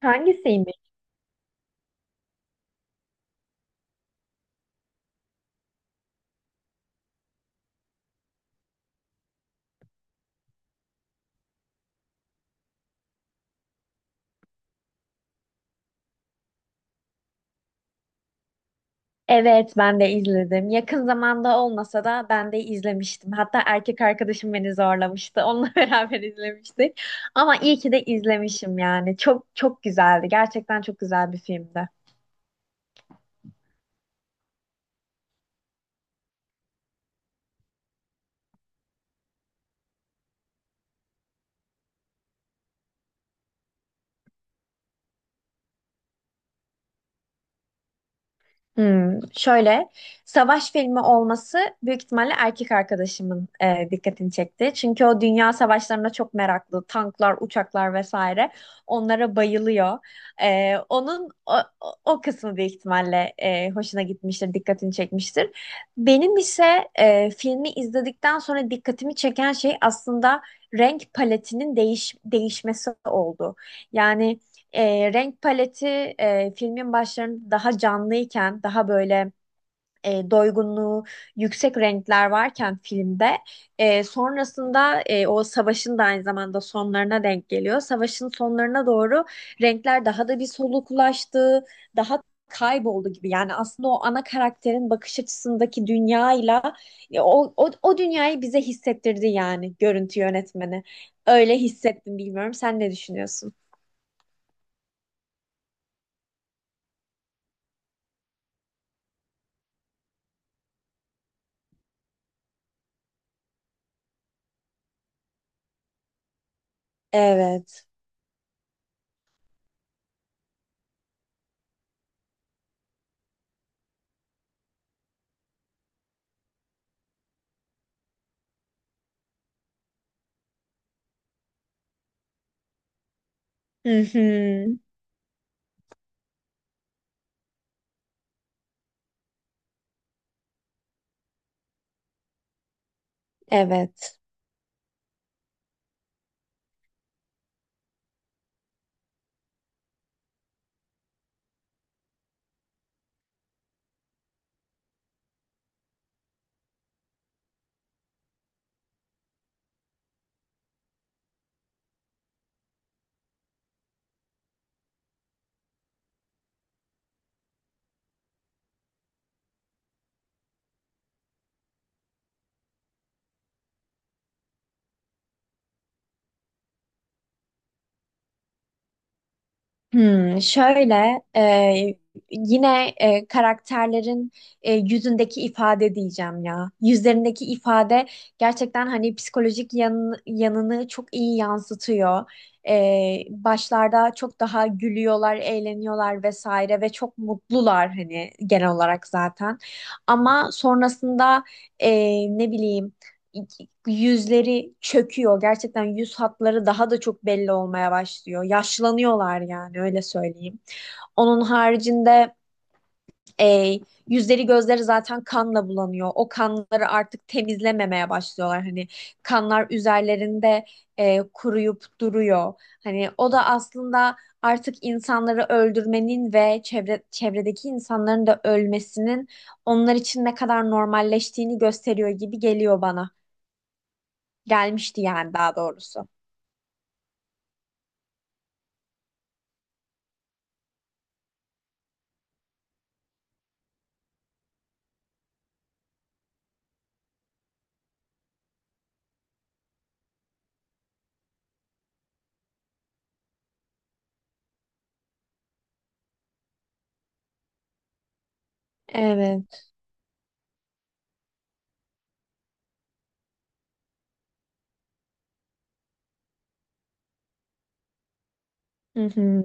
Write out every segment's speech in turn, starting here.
Hangisiymiş? Evet, ben de izledim. Yakın zamanda olmasa da ben de izlemiştim. Hatta erkek arkadaşım beni zorlamıştı. Onunla beraber izlemiştik. Ama iyi ki de izlemişim yani. Çok çok güzeldi. Gerçekten çok güzel bir filmdi. Hmm, şöyle savaş filmi olması büyük ihtimalle erkek arkadaşımın dikkatini çekti. Çünkü o dünya savaşlarına çok meraklı. Tanklar, uçaklar vesaire. Onlara bayılıyor. E, onun o, o o kısmı büyük ihtimalle hoşuna gitmiştir, dikkatini çekmiştir. Benim ise filmi izledikten sonra dikkatimi çeken şey aslında renk paletinin değişmesi oldu. Yani renk paleti filmin başlarında daha canlıyken, daha böyle doygunluğu yüksek renkler varken filmde sonrasında o savaşın da aynı zamanda sonlarına denk geliyor. Savaşın sonlarına doğru renkler daha da bir soluklaştı, daha kayboldu gibi. Yani aslında o ana karakterin bakış açısındaki dünyayla o dünyayı bize hissettirdi yani görüntü yönetmeni. Öyle hissettim bilmiyorum. Sen ne düşünüyorsun? Evet. Hı hı, evet. Hmm, şöyle yine karakterlerin yüzündeki ifade diyeceğim ya. Yüzlerindeki ifade gerçekten hani psikolojik yanını çok iyi yansıtıyor. E, Başlarda çok daha gülüyorlar, eğleniyorlar vesaire ve çok mutlular hani genel olarak zaten. Ama sonrasında e, ne bileyim. Yüzleri çöküyor. Gerçekten yüz hatları daha da çok belli olmaya başlıyor. Yaşlanıyorlar yani öyle söyleyeyim. Onun haricinde e, yüzleri gözleri zaten kanla bulanıyor. O kanları artık temizlememeye başlıyorlar. Hani kanlar üzerlerinde kuruyup duruyor. Hani o da aslında artık insanları öldürmenin ve çevredeki insanların da ölmesinin onlar için ne kadar normalleştiğini gösteriyor gibi geliyor bana. Gelmişti yani daha doğrusu. Evet. Hı hı.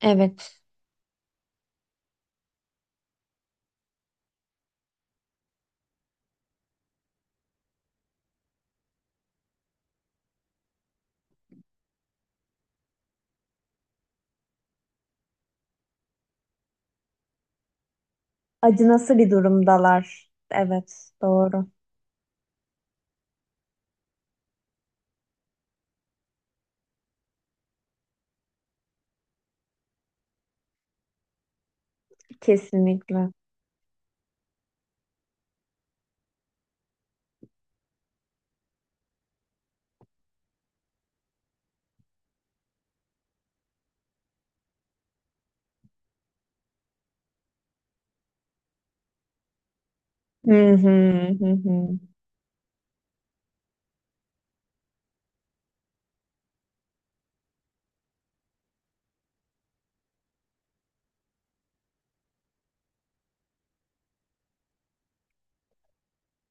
Evet. Acı nasıl bir durumdalar? Evet. Doğru. Kesinlikle. Hı hı, hı hı.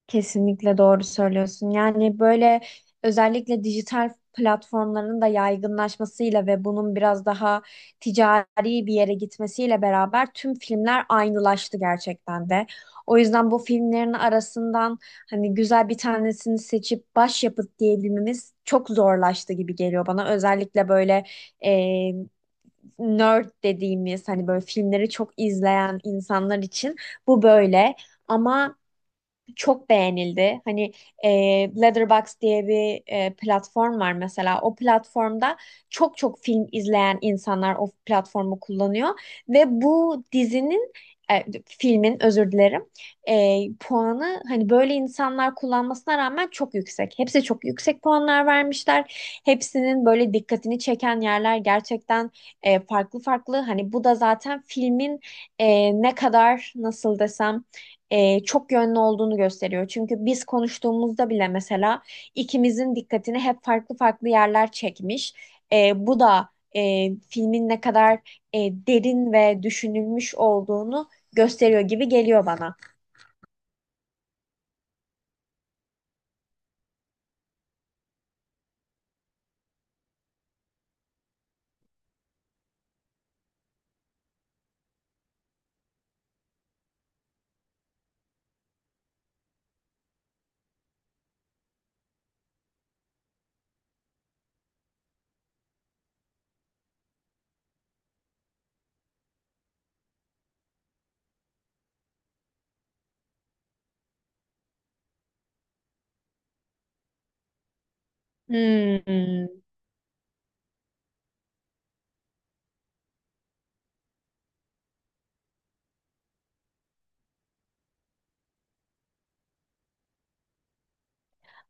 Kesinlikle doğru söylüyorsun. Yani böyle özellikle dijital platformların da yaygınlaşmasıyla ve bunun biraz daha ticari bir yere gitmesiyle beraber tüm filmler aynılaştı gerçekten de. O yüzden bu filmlerin arasından hani güzel bir tanesini seçip başyapıt diyebilmemiz çok zorlaştı gibi geliyor bana. Özellikle böyle e, nerd dediğimiz hani böyle filmleri çok izleyen insanlar için bu böyle. Ama çok beğenildi. Hani e, Letterboxd diye bir platform var mesela. O platformda çok çok film izleyen insanlar o platformu kullanıyor ve bu dizinin filmin özür dilerim puanı hani böyle insanlar kullanmasına rağmen çok yüksek. Hepsi çok yüksek puanlar vermişler. Hepsinin böyle dikkatini çeken yerler gerçekten farklı farklı. Hani bu da zaten filmin ne kadar nasıl desem çok yönlü olduğunu gösteriyor. Çünkü biz konuştuğumuzda bile mesela ikimizin dikkatini hep farklı farklı yerler çekmiş. Bu da filmin ne kadar derin ve düşünülmüş olduğunu gösteriyor gibi geliyor bana. Hmm,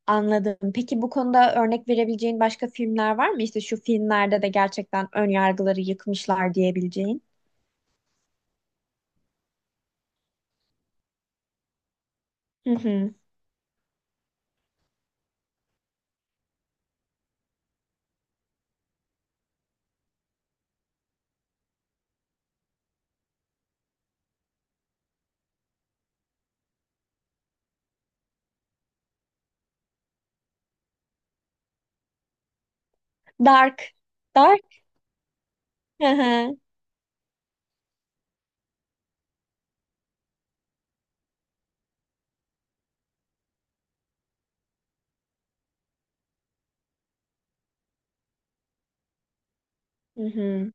anladım. Peki bu konuda örnek verebileceğin başka filmler var mı? İşte şu filmlerde de gerçekten ön yargıları yıkmışlar diyebileceğin. Hı hı. Dark. Dark. Hı hı. Hı hı.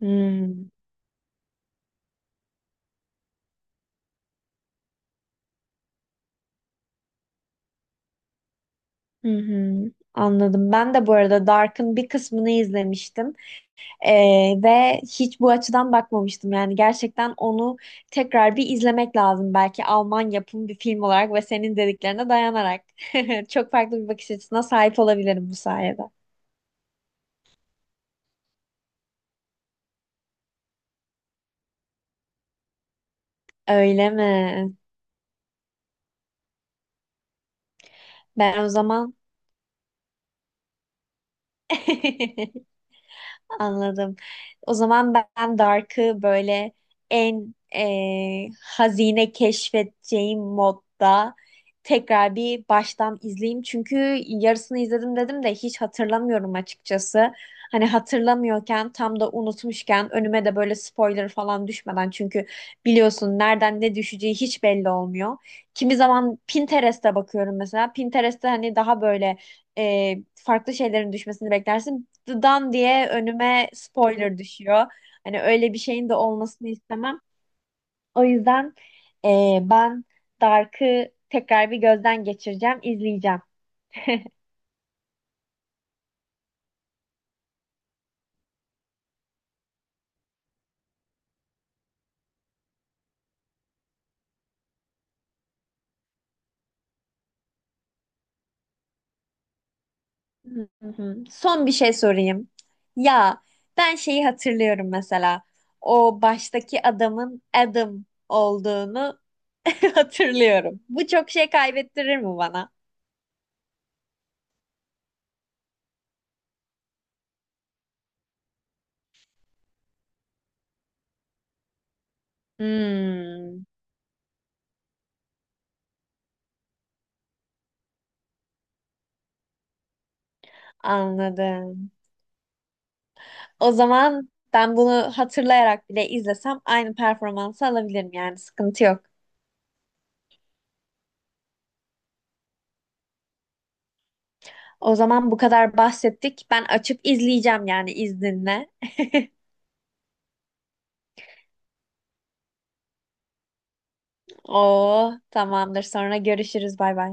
Hmm. Hı hı, anladım. Ben de bu arada Dark'ın bir kısmını izlemiştim. Ve hiç bu açıdan bakmamıştım. Yani gerçekten onu tekrar bir izlemek lazım. Belki Alman yapım bir film olarak ve senin dediklerine dayanarak çok farklı bir bakış açısına sahip olabilirim bu sayede. Öyle mi? Ben o zaman anladım. O zaman ben Dark'ı böyle en hazine keşfedeceğim modda tekrar bir baştan izleyeyim. Çünkü yarısını izledim dedim de hiç hatırlamıyorum açıkçası. Hani hatırlamıyorken tam da unutmuşken önüme de böyle spoiler falan düşmeden çünkü biliyorsun nereden ne düşeceği hiç belli olmuyor. Kimi zaman Pinterest'e bakıyorum mesela. Pinterest'te hani daha böyle farklı şeylerin düşmesini beklersin. Dan diye önüme spoiler düşüyor. Hani öyle bir şeyin de olmasını istemem. O yüzden ben Dark'ı tekrar bir gözden geçireceğim, izleyeceğim. Hı hı. Son bir şey sorayım. Ya ben şeyi hatırlıyorum mesela. O baştaki adamın Adam olduğunu hatırlıyorum. Bu çok şey kaybettirir mi bana? Hmm, anladım. O zaman ben bunu hatırlayarak bile izlesem aynı performansı alabilirim yani sıkıntı yok. O zaman bu kadar bahsettik. Ben açıp izleyeceğim yani izninle. Oo tamamdır. Sonra görüşürüz. Bay bay.